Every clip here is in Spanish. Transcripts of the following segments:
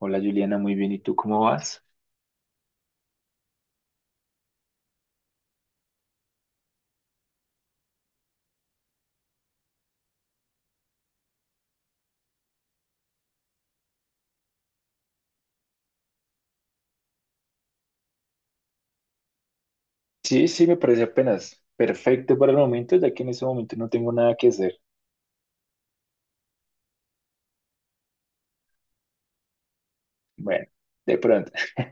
Hola Juliana, muy bien. ¿Y tú cómo vas? Sí, sí, me parece apenas perfecto para el momento, ya que en ese momento no tengo nada que hacer. Bueno, de pronto.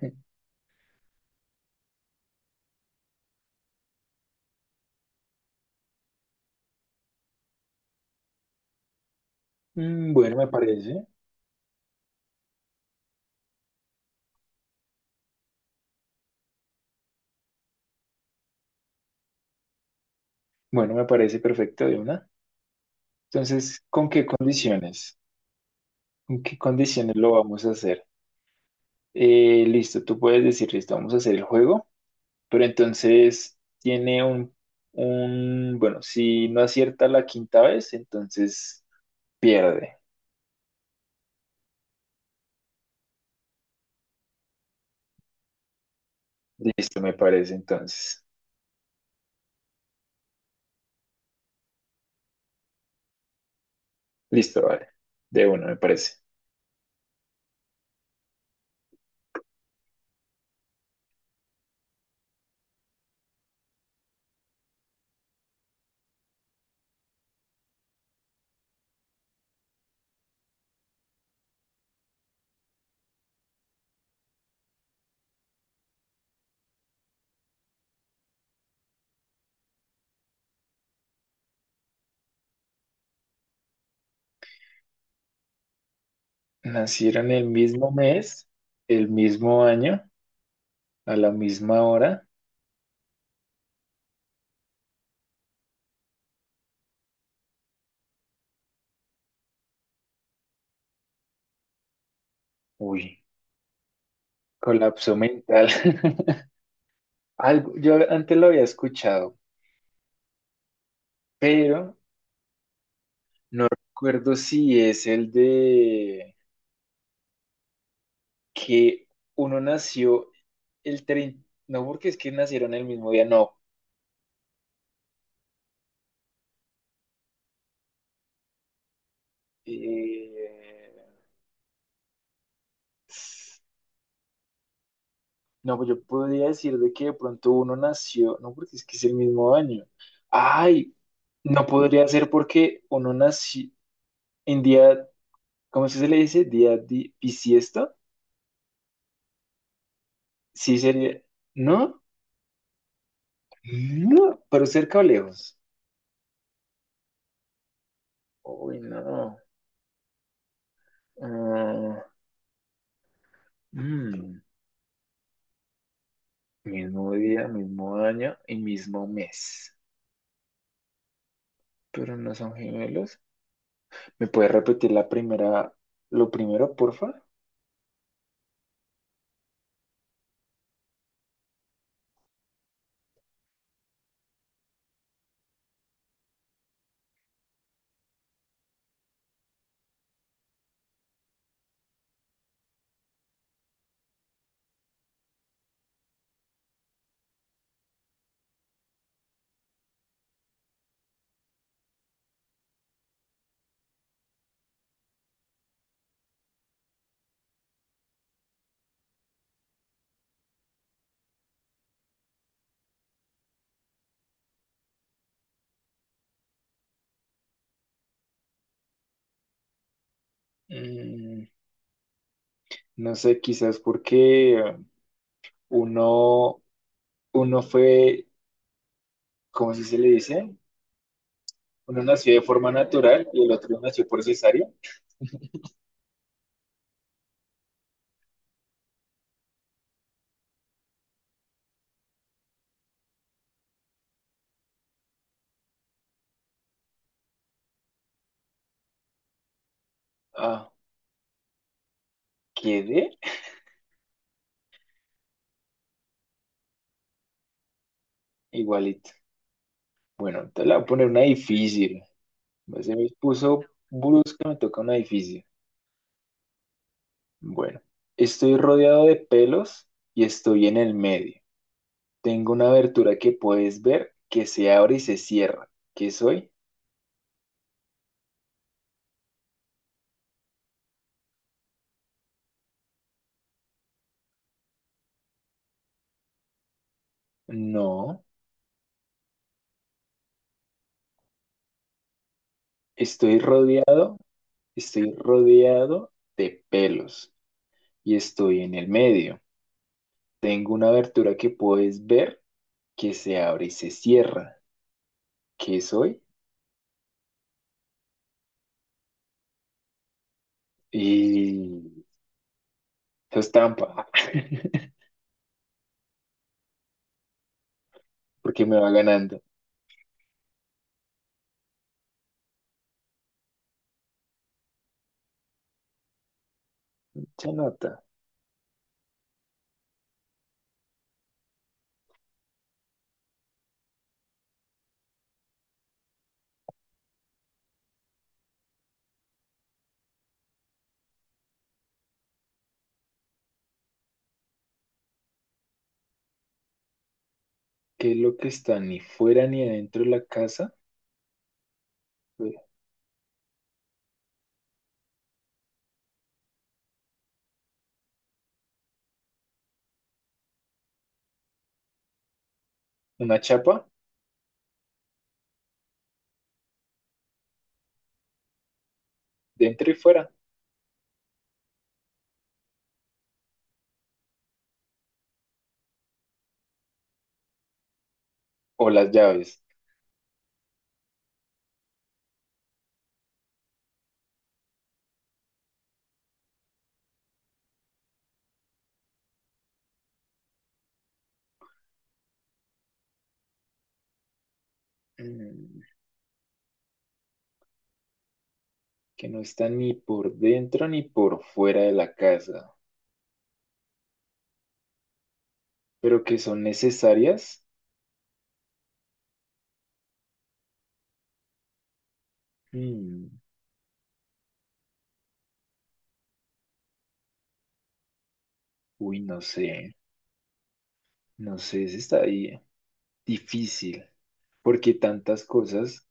Bueno, me parece. Bueno, me parece perfecto de una. Entonces, ¿con qué condiciones? ¿Con qué condiciones lo vamos a hacer? Listo, tú puedes decir, listo, vamos a hacer el juego, pero entonces tiene bueno, si no acierta la quinta vez, entonces pierde. Listo, me parece entonces. Listo, vale. De uno, me parece. Nacieron el mismo mes, el mismo año, a la misma hora. Uy, colapso mental. Algo, yo antes lo había escuchado, pero no recuerdo si es el de que uno nació el 30, no porque es que nacieron el mismo día, no. Eh, No, pues yo podría decir de que de pronto uno nació, no, porque es que es el mismo año. Ay, no podría ser porque uno nació en día, ¿cómo es que se le dice? Bisiesto. Sí sería, ¿no? No, pero cerca o lejos. Uy, no. Ah, mm, Mismo día, mismo año y mismo mes. Pero no son gemelos. ¿Me puedes repetir la primera, lo primero, porfa? Mm, No sé, quizás porque uno, uno fue, ¿cómo se le dice? Uno nació de forma natural y el otro nació por cesárea. Ah, quedé igualito. Bueno, te la voy a poner una difícil. Se me puso brusca, me toca una difícil. Bueno, estoy rodeado de pelos y estoy en el medio. Tengo una abertura que puedes ver que se abre y se cierra. ¿Qué soy? No, estoy rodeado Estoy rodeado de pelos y estoy en el medio. Tengo una abertura que puedes ver que se abre y se cierra. ¿Qué soy? Y eso es trampa, porque me va ganando. Mucha nota. ¿Qué es lo que está ni fuera ni adentro de la casa? Una chapa, dentro y fuera. O las llaves. Mm, Que no están ni por dentro ni por fuera de la casa, pero que son necesarias. Mm, Uy, no sé. No sé si está ahí difícil, porque tantas cosas.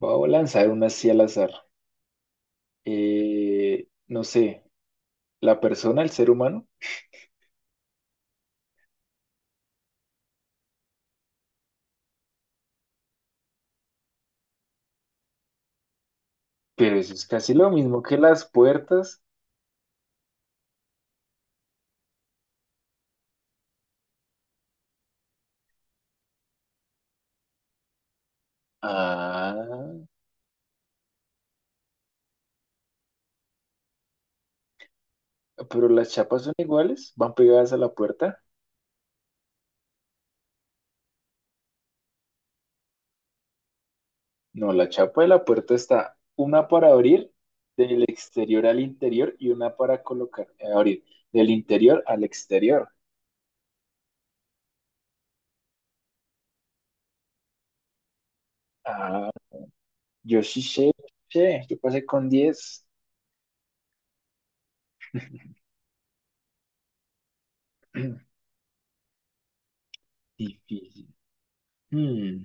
Voy a lanzar una así al azar. No sé, la persona, el ser humano, pero eso es casi lo mismo que las puertas. Ah, pero las chapas son iguales, van pegadas a la puerta. No, la chapa de la puerta está una para abrir del exterior al interior y una para colocar, abrir del interior al exterior. Ah, yo sí sé, yo pasé con diez. Difícil. Hmm.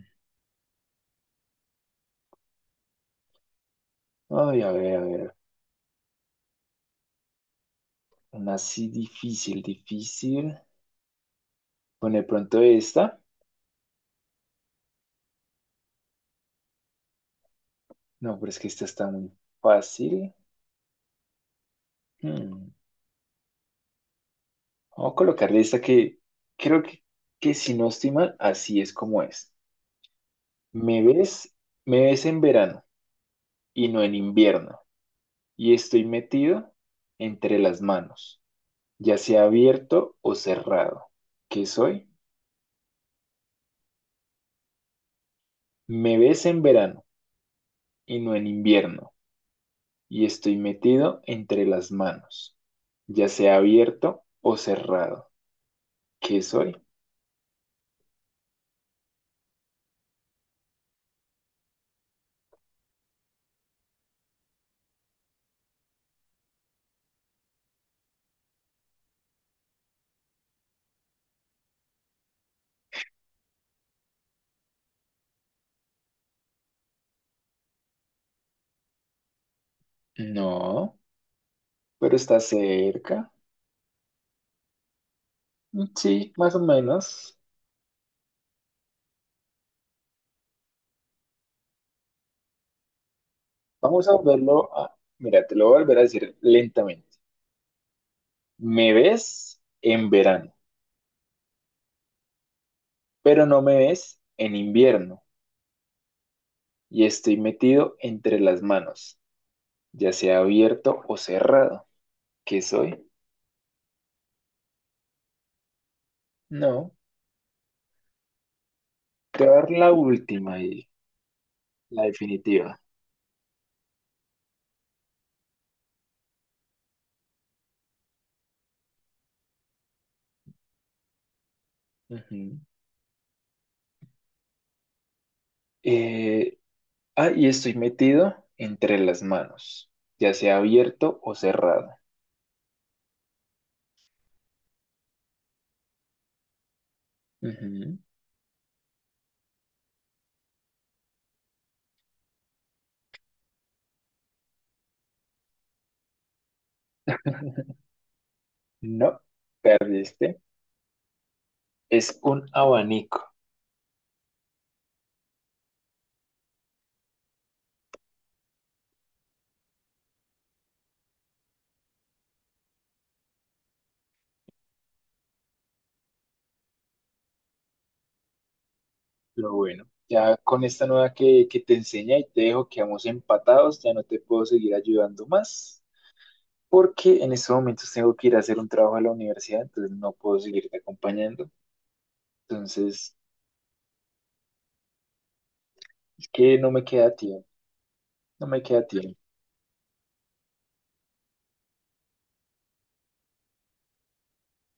Ay, a ver, a ver. Una así difícil, difícil. Con de pronto esta. No, pero es que esta está muy fácil. Hmm. Vamos a colocarle esta que creo que si no estoy mal, así es como es. Me ves, Me ves en verano y no en invierno. Y estoy metido entre las manos, ya sea abierto o cerrado. ¿Qué soy? Me ves en verano y no en invierno y estoy metido entre las manos, ya sea abierto o cerrado. ¿Qué soy? No, pero está cerca. Sí, más o menos. Vamos a verlo a… Mira, te lo voy a volver a decir lentamente. Me ves en verano, pero no me ves en invierno y estoy metido entre las manos, ya sea abierto o cerrado. ¿Qué soy? No, te voy a dar la última y la definitiva. Ujú. Eh, y estoy metido entre las manos, ya sea abierto o cerrado. Ujú. No, perdiste. Es un abanico, pero bueno, ya con esta nueva que te enseña y te dejo, quedamos empatados, ya no te puedo seguir ayudando más, porque en estos momentos tengo que ir a hacer un trabajo a la universidad, entonces no puedo seguirte acompañando. Entonces, es que no me queda tiempo, no me queda tiempo.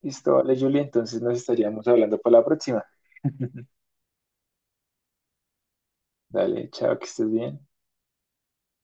Listo, vale, Julia, entonces nos estaríamos hablando para la próxima. Dale, chao, que estés bien.